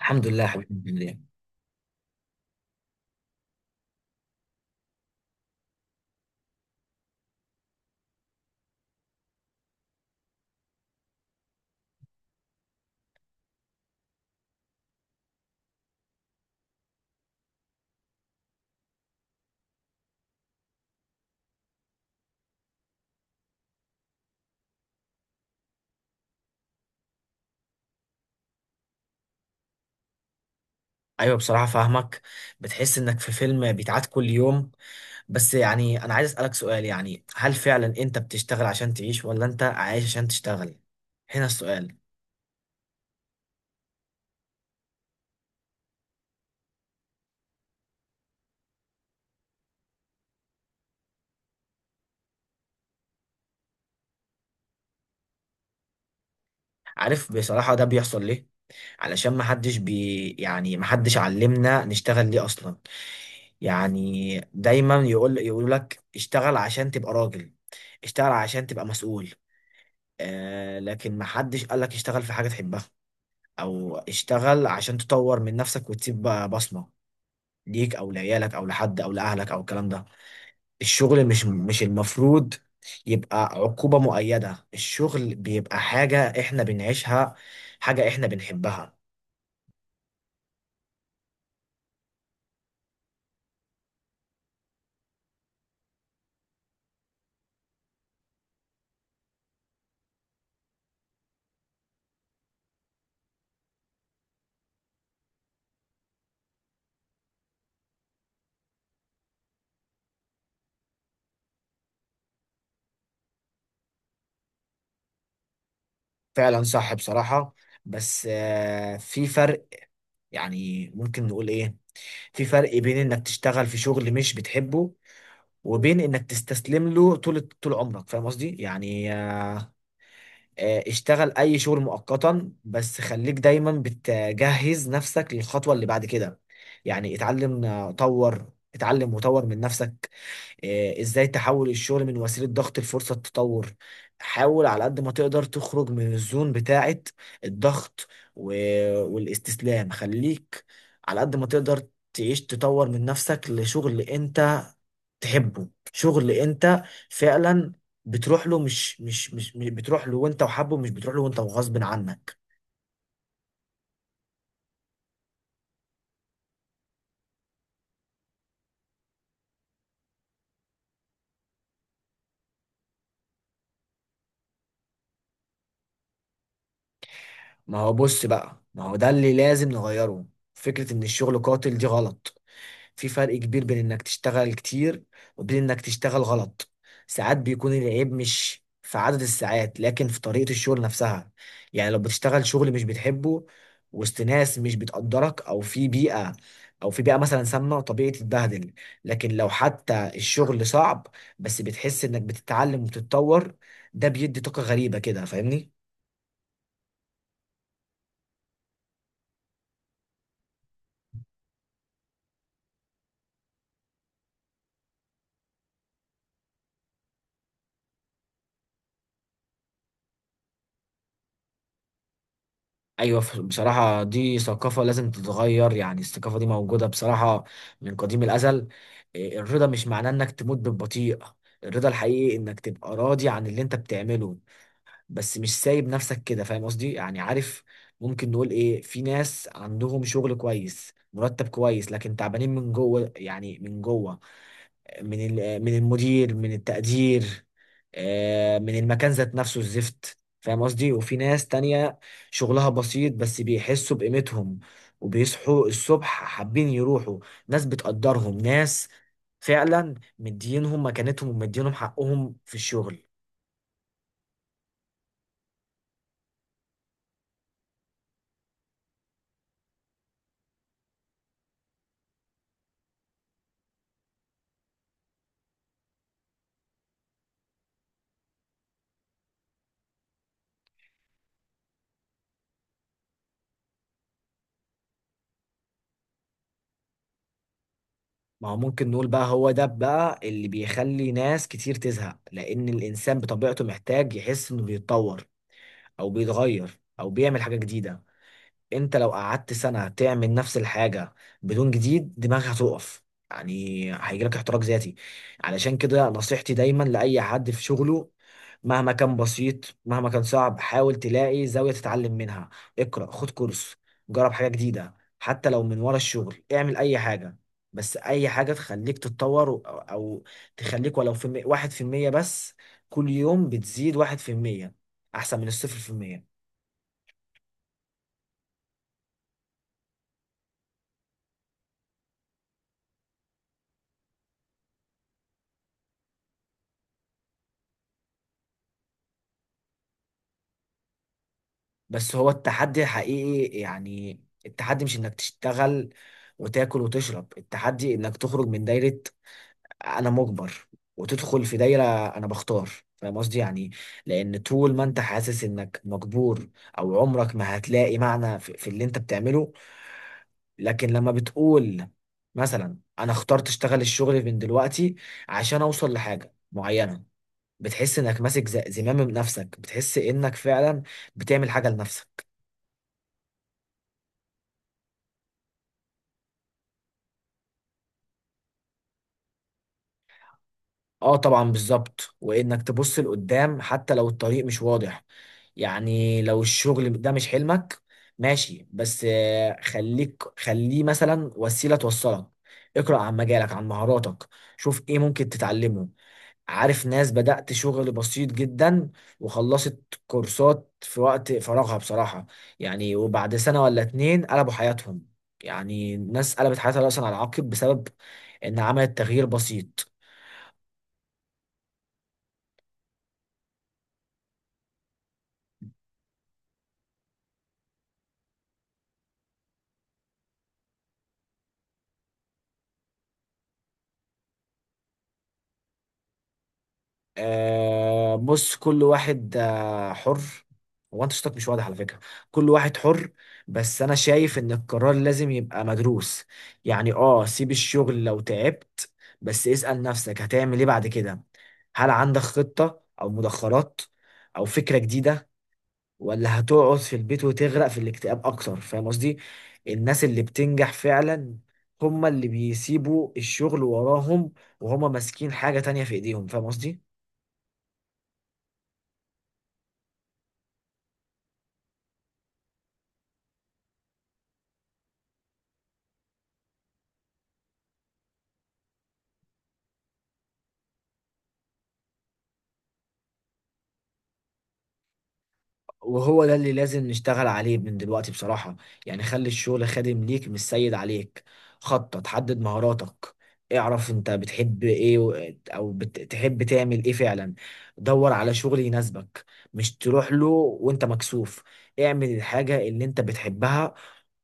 الحمد لله يا حبيبي، عامل ايه؟ ايوه بصراحه فاهمك. بتحس انك في فيلم بيتعاد كل يوم. بس يعني انا عايز اسالك سؤال، يعني هل فعلا انت بتشتغل عشان تعيش ولا انت عايش عشان تشتغل؟ هنا السؤال. عارف بصراحه ده بيحصل ليه؟ علشان ما حدش بي يعني ما حدش علمنا نشتغل ليه اصلا. يعني دايما يقول لك اشتغل عشان تبقى راجل، اشتغل عشان تبقى مسؤول. آه لكن ما حدش قال لك اشتغل في حاجه تحبها، او اشتغل عشان تطور من نفسك وتسيب بقى بصمة ليك او لعيالك او لحد او لاهلك او الكلام ده. الشغل مش المفروض يبقى عقوبة مؤيدة، الشغل بيبقى حاجة احنا بنعيشها، حاجة احنا بنحبها. فعلا صح بصراحة. بس في فرق، يعني ممكن نقول ايه، في فرق بين انك تشتغل في شغل مش بتحبه وبين انك تستسلم له طول عمرك، فاهم قصدي؟ يعني اشتغل اي شغل مؤقتا، بس خليك دايما بتجهز نفسك للخطوة اللي بعد كده. يعني اتعلم، طور، اتعلم وطور من نفسك. ازاي تحول الشغل من وسيلة ضغط لفرصة تطور. حاول على قد ما تقدر تخرج من الزون بتاعة الضغط، و- والاستسلام. خليك على قد ما تقدر تعيش، تطور من نفسك لشغل انت تحبه، شغل انت فعلا بتروح له، بتروح له وانت وحابه، مش بتروح له وانت وغصب عنك. ما هو بص بقى، ما هو ده اللي لازم نغيره. فكرة ان الشغل قاتل دي غلط. في فرق كبير بين انك تشتغل كتير وبين انك تشتغل غلط. ساعات بيكون العيب مش في عدد الساعات لكن في طريقة الشغل نفسها. يعني لو بتشتغل شغل مش بتحبه وسط ناس مش بتقدرك، او في بيئة مثلا سامة، طبيعي تتبهدل. لكن لو حتى الشغل صعب بس بتحس انك بتتعلم وبتتطور، ده بيدي طاقة غريبة كده، فاهمني؟ ايوه بصراحه دي ثقافه لازم تتغير. يعني الثقافه دي موجوده بصراحه من قديم الازل. الرضا مش معناه انك تموت بالبطيء. الرضا الحقيقي انك تبقى راضي عن اللي انت بتعمله، بس مش سايب نفسك كده، فاهم قصدي؟ يعني عارف، ممكن نقول ايه، في ناس عندهم شغل كويس، مرتب كويس، لكن تعبانين من جوه، يعني من جوه، من المدير، من التقدير، من المكان ذات نفسه الزفت، فاهم قصدي؟ وفي ناس تانية شغلها بسيط بس بيحسوا بقيمتهم وبيصحوا الصبح حابين يروحوا. ناس بتقدرهم، ناس فعلا مدينهم مكانتهم ومدينهم حقهم في الشغل. ما هو ممكن نقول بقى هو ده بقى اللي بيخلي ناس كتير تزهق، لأن الإنسان بطبيعته محتاج يحس إنه بيتطور أو بيتغير أو بيعمل حاجة جديدة. انت لو قعدت سنة تعمل نفس الحاجة بدون جديد، دماغك هتقف، يعني هيجيلك احتراق ذاتي. علشان كده نصيحتي دايما لأي حد في شغله، مهما كان بسيط مهما كان صعب، حاول تلاقي زاوية تتعلم منها. اقرأ، خد كورس، جرب حاجة جديدة، حتى لو من ورا الشغل اعمل أي حاجة، بس أي حاجة تخليك تتطور. أو أو تخليك ولو في واحد في المية بس، كل يوم بتزيد واحد في المية أحسن من الصفر في المية. بس هو التحدي الحقيقي يعني، التحدي مش انك تشتغل وتاكل وتشرب، التحدي انك تخرج من دايرة انا مجبر وتدخل في دايرة انا بختار، فاهم قصدي؟ يعني لان طول ما انت حاسس انك مجبور، او عمرك ما هتلاقي معنى في اللي انت بتعمله. لكن لما بتقول مثلا انا اخترت اشتغل الشغل من دلوقتي عشان اوصل لحاجة معينة، بتحس انك ماسك زمام نفسك، بتحس انك فعلا بتعمل حاجة لنفسك. اه طبعا بالظبط، وانك تبص لقدام حتى لو الطريق مش واضح. يعني لو الشغل ده مش حلمك، ماشي، بس خليه مثلا وسيلة توصلك. اقرأ عن مجالك، عن مهاراتك، شوف ايه ممكن تتعلمه. عارف ناس بدأت شغل بسيط جدا وخلصت كورسات في وقت فراغها بصراحة، يعني وبعد سنة ولا اتنين قلبوا حياتهم. يعني ناس قلبت حياتها رأسا على عقب بسبب ان عملت تغيير بسيط. آه بص، كل واحد آه حر. هو انت صوتك مش واضح على فكرة. كل واحد حر، بس انا شايف ان القرار لازم يبقى مدروس. يعني اه سيب الشغل لو تعبت، بس اسأل نفسك هتعمل ايه بعد كده؟ هل عندك خطة او مدخرات او فكرة جديدة؟ ولا هتقعد في البيت وتغرق في الاكتئاب اكتر، فاهم قصدي؟ الناس اللي بتنجح فعلا هما اللي بيسيبوا الشغل وراهم وهما ماسكين حاجة تانية في ايديهم، فاهم قصدي؟ وهو ده اللي لازم نشتغل عليه من دلوقتي بصراحة. يعني خلي الشغل خادم ليك مش سيد عليك. خطط، حدد مهاراتك، اعرف انت بتحب ايه، او بتحب تعمل ايه فعلا. دور على شغل يناسبك، مش تروح له وانت مكسوف. اعمل الحاجة اللي انت بتحبها.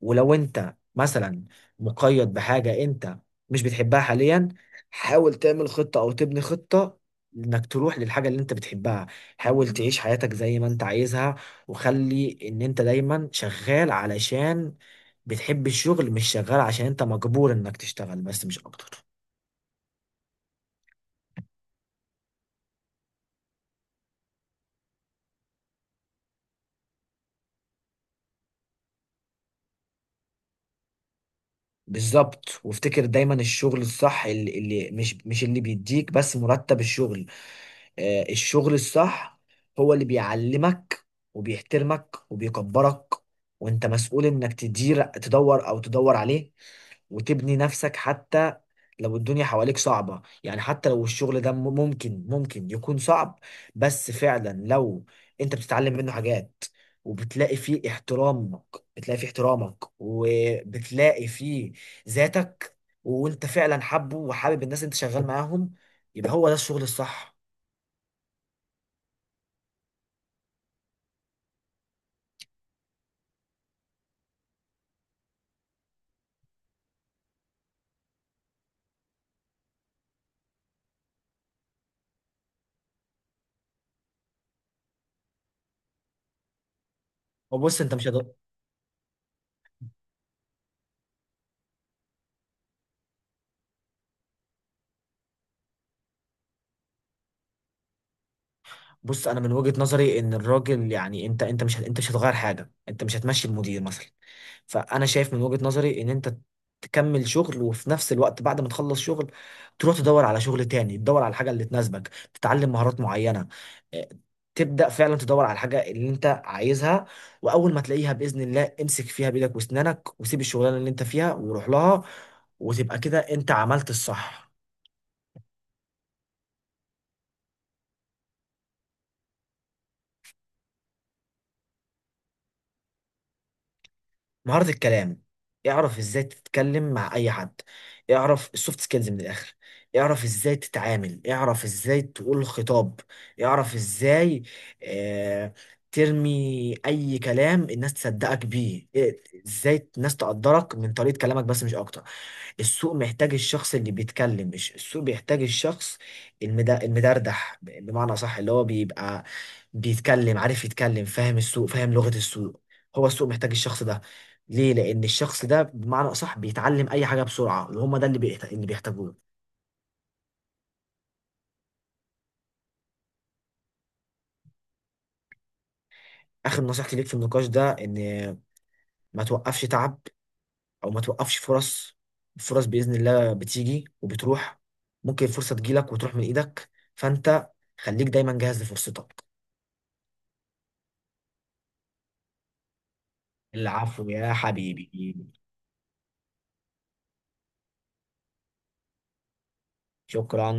ولو انت مثلا مقيد بحاجة انت مش بتحبها حاليا، حاول تعمل خطة او تبني خطة انك تروح للحاجة اللي انت بتحبها. حاول تعيش حياتك زي ما انت عايزها، وخلي ان انت دايما شغال علشان بتحب الشغل، مش شغال عشان انت مجبور انك تشتغل، بس مش اكتر. بالظبط، وافتكر دايما الشغل الصح، اللي مش اللي بيديك بس مرتب، الشغل آه الشغل الصح هو اللي بيعلمك وبيحترمك وبيكبرك، وانت مسؤول انك تدور او تدور عليه وتبني نفسك. حتى لو الدنيا حواليك صعبة، يعني حتى لو الشغل ده ممكن يكون صعب، بس فعلا لو انت بتتعلم منه حاجات وبتلاقي فيه احترامك، بتلاقي فيه احترامك وبتلاقي فيه ذاتك، وانت فعلا حابه وحابب الناس اللي انت شغال معاهم، يبقى هو ده الشغل الصح. وبص انت مش هت... بص انا من وجهة نظري ان الراجل يعني انت، انت مش هت- انت مش هتغير حاجه، انت مش هتمشي المدير مثلا. فانا شايف من وجهة نظري ان انت تكمل شغل، وفي نفس الوقت بعد ما تخلص شغل تروح تدور على شغل تاني، تدور على الحاجه اللي تناسبك، تتعلم مهارات معينه. آه، تبدا فعلا تدور على الحاجه اللي انت عايزها، واول ما تلاقيها باذن الله امسك فيها بايدك واسنانك وسيب الشغلانه اللي انت فيها وروح لها، وتبقى كده انت عملت الصح. مهارة الكلام، اعرف ازاي تتكلم مع اي حد، اعرف السوفت سكيلز من الاخر، اعرف ازاي تتعامل، اعرف ازاي تقول خطاب، اعرف ازاي آه ترمي اي كلام الناس تصدقك بيه، ازاي الناس تقدرك من طريقة كلامك، بس مش اكتر. السوق محتاج الشخص اللي بيتكلم، مش السوق بيحتاج الشخص المدردح، بمعنى صح اللي هو بيبقى بيتكلم، عارف يتكلم، فاهم السوق، فاهم لغة السوق. هو السوق محتاج الشخص ده ليه؟ لأن الشخص ده بمعنى صح بيتعلم أي حاجة بسرعة، وهم ده اللي بيحتاجوه. آخر نصيحتي ليك في النقاش ده إن ما توقفش تعب، أو ما توقفش فرص. الفرص بإذن الله بتيجي وبتروح، ممكن الفرصة تجيلك وتروح من إيدك، فأنت خليك دايما جاهز لفرصتك. العفو يا حبيبي. شكرا.